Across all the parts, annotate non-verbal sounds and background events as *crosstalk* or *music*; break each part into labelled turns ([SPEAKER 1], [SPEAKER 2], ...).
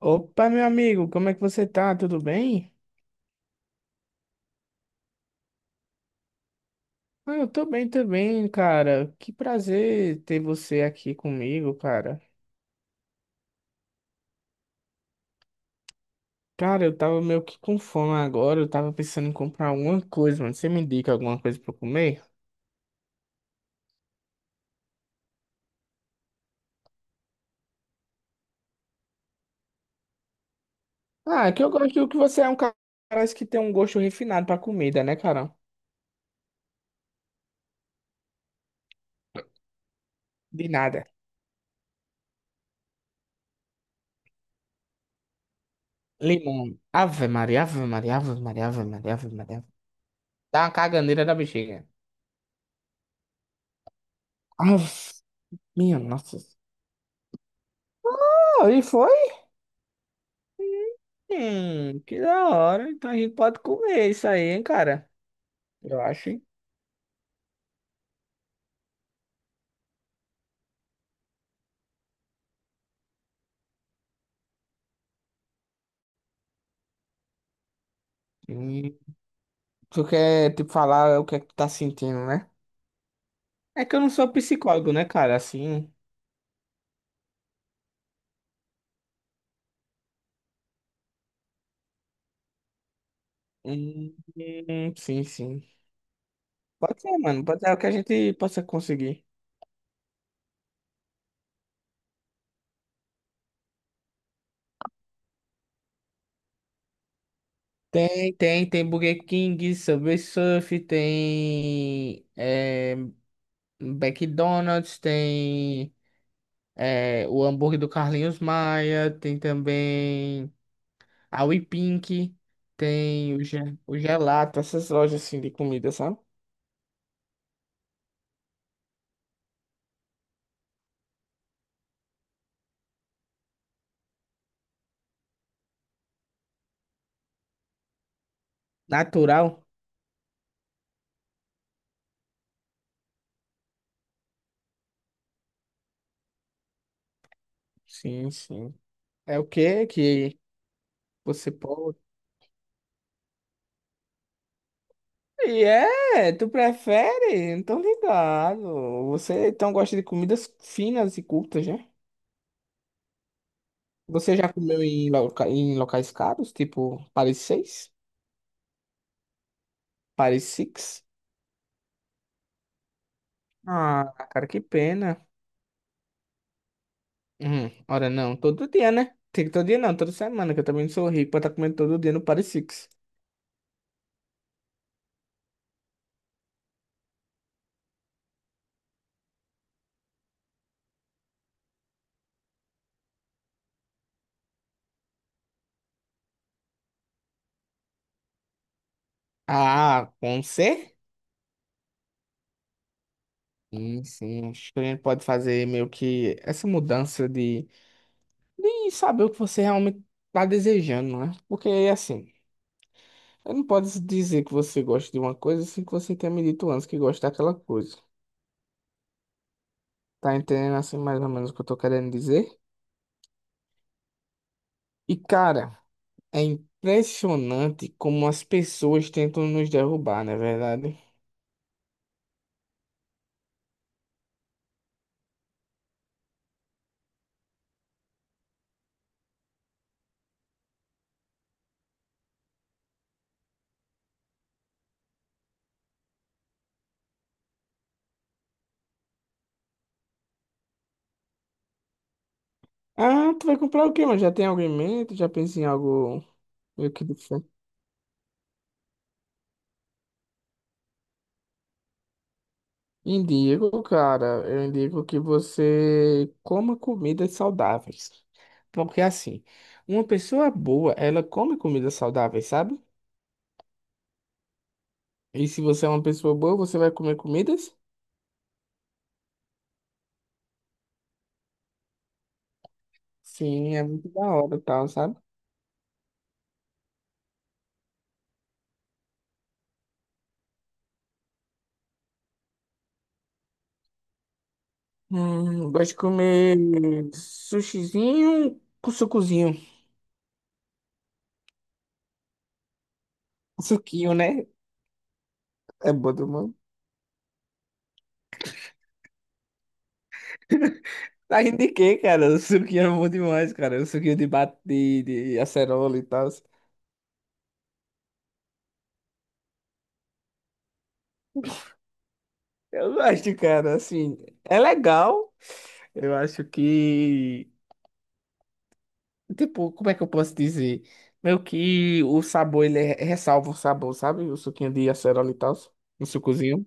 [SPEAKER 1] Opa, meu amigo, como é que você tá? Tudo bem? Ah, eu tô bem também, cara. Que prazer ter você aqui comigo, cara. Cara, eu tava meio que com fome agora. Eu tava pensando em comprar alguma coisa, mano. Você me indica alguma coisa pra eu comer? Ah, é que eu gosto que você é um cara que tem um gosto refinado pra comida, né, cara? De nada. Limão. Ave Maria, Ave Maria, Ave Maria, Ave Maria, Ave Maria. Dá uma caganeira da bexiga. Ave, minha nossa. Ah, e foi? Que da hora. Então a gente pode comer isso aí, hein, cara? Eu acho. Hein? Hum, tu quer, tipo, falar o que é que tu tá sentindo, né? É que eu não sou psicólogo, né, cara? Assim. Sim, sim. Pode ser, mano. Pode ser o que a gente possa conseguir. Tem, tem, tem Burger King, Subway Surf, tem McDonald's, tem o hambúrguer do Carlinhos Maia, tem também. A WePink, tem o, o Gelato, essas lojas assim de comida, sabe? Natural? Sim, sim. É o que que você pode. E é, tu prefere? Não tô ligado. Você então gosta de comidas finas e curtas, né? Você já comeu em, em locais caros, tipo Paris 6? Paris Six? Ah, cara, que pena. Ora não, todo dia, né? Tem que todo dia não, toda semana, que eu também não sou rico pra estar comendo todo dia no Paris Six. Ah, com C? Sim, sim. Acho que a gente pode fazer meio que essa mudança de e saber o que você realmente tá desejando, né? Porque assim, eu não pode dizer que você gosta de uma coisa sem que você tenha me dito antes que gosta daquela coisa. Tá entendendo assim mais ou menos o que eu tô querendo dizer? E cara, é impressionante como as pessoas tentam nos derrubar, não é verdade? Ah, tu vai comprar o quê, mano? Já tem algo em mente? Já pensa em algo meio que diferente? Indico, cara, eu indico que você coma comidas saudáveis. Porque assim, uma pessoa boa, ela come comidas saudáveis, sabe? E se você é uma pessoa boa, você vai comer comidas? Sim, é muito da hora, e tal, sabe? Gosto de comer sushizinho com sucozinho. Suquinho, né? É bom demais. Tá rindo de quê, cara? O suquinho é bom demais, cara. O suquinho bate, de acerola e tal. Eu gosto, cara, assim, é legal. Eu acho que, tipo, como é que eu posso dizer? Meio que o sabor, ressalva o sabor, sabe? O suquinho de acerola e tal, o sucozinho.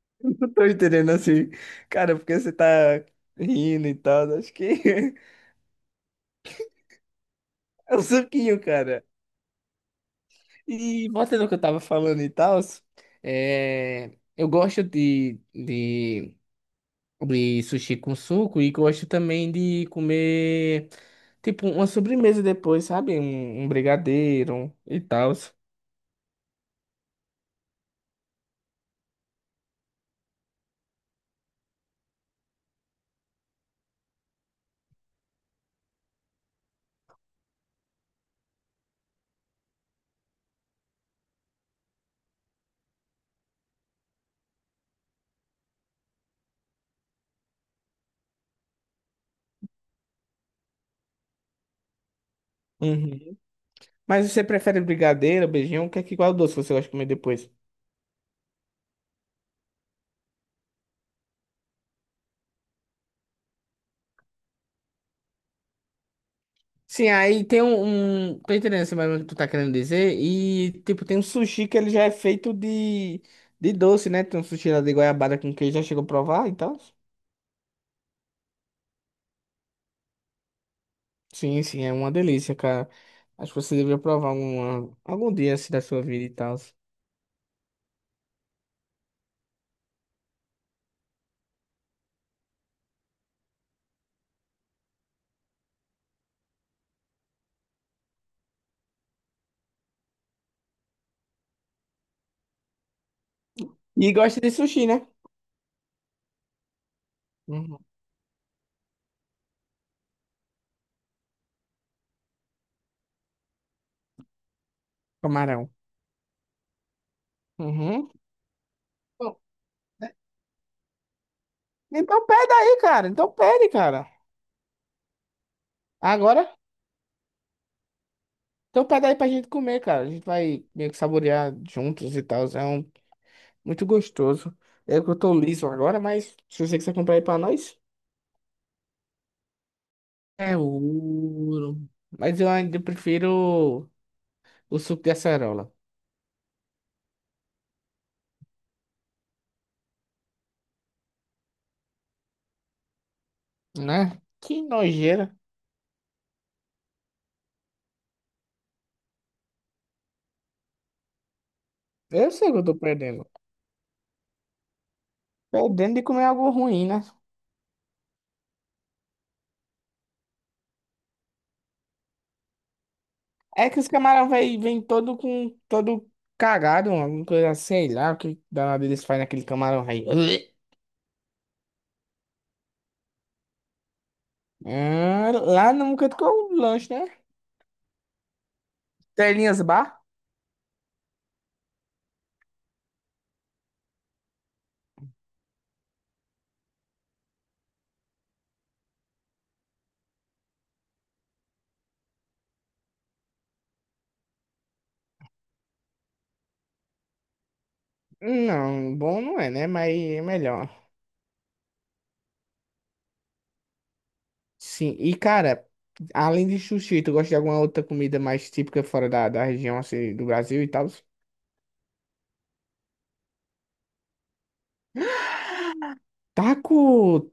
[SPEAKER 1] *laughs* Não tô entendendo assim. Cara, porque você tá rindo e tal, acho que *laughs* é o suquinho, cara. E voltando ao que eu tava falando e tal, eu gosto de sushi com suco. E gosto também de comer, tipo, uma sobremesa depois, sabe? Um brigadeiro e tal. Uhum. Mas você prefere brigadeiro, beijinho? O que é que Qual doce você gosta de comer depois? Sim, aí tem um... Tô entendendo assim, mais ou menos o que tu tá querendo dizer. E, tipo, tem um sushi que ele já é feito de doce, né? Tem um sushi lá de goiabada com queijo, já chegou a provar e tal? Sim, sim, é uma delícia, cara. Acho que você deveria provar algum dia, assim, da sua vida e tal. E gosta de sushi, né? Uhum. Camarão. Uhum. Bom, né? Então pede aí, cara. Então pede, cara. Agora, então pede aí pra gente comer, cara. A gente vai meio que saborear juntos e tal. É um, muito gostoso. É que eu tô liso agora, mas se você quiser comprar aí pra nós, é ouro. Mas eu ainda prefiro o suco de acerola, né? Que nojeira. Eu sei que eu tô perdendo. Perdendo de comer algo ruim, né? É que os camarão vai, vem todo com todo cagado, alguma coisa, sei lá, o que danado eles fazem naquele camarão aí. Ah, lá no canto com o lanche, né? Telinhas Bar? Não, bom não é, né? Mas é melhor. Sim, e cara, além de sushi, tu gosta de alguma outra comida mais típica fora da região, assim, do Brasil e tal? Taco!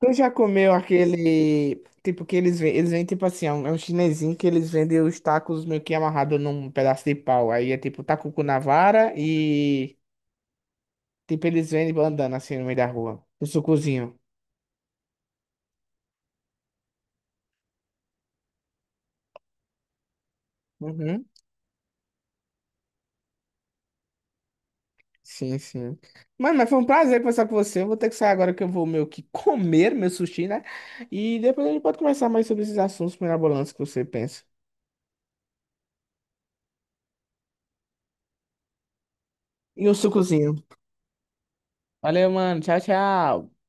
[SPEAKER 1] Tu já comeu aquele, tipo, eles vendem, tipo assim, é um chinesinho que eles vendem os tacos meio que amarrado num pedaço de pau. Aí é tipo taco com navara e, tipo, eles vendem andando assim no meio da rua. O sucozinho. Uhum. Sim, sim. Mano, mas foi um prazer conversar com você. Eu vou ter que sair agora que eu vou meio que *laughs* comer meu sushi, né? E depois a gente pode conversar mais sobre esses assuntos mirabolantes que você pensa. E o sucozinho. Valeu, mano. Tchau, tchau.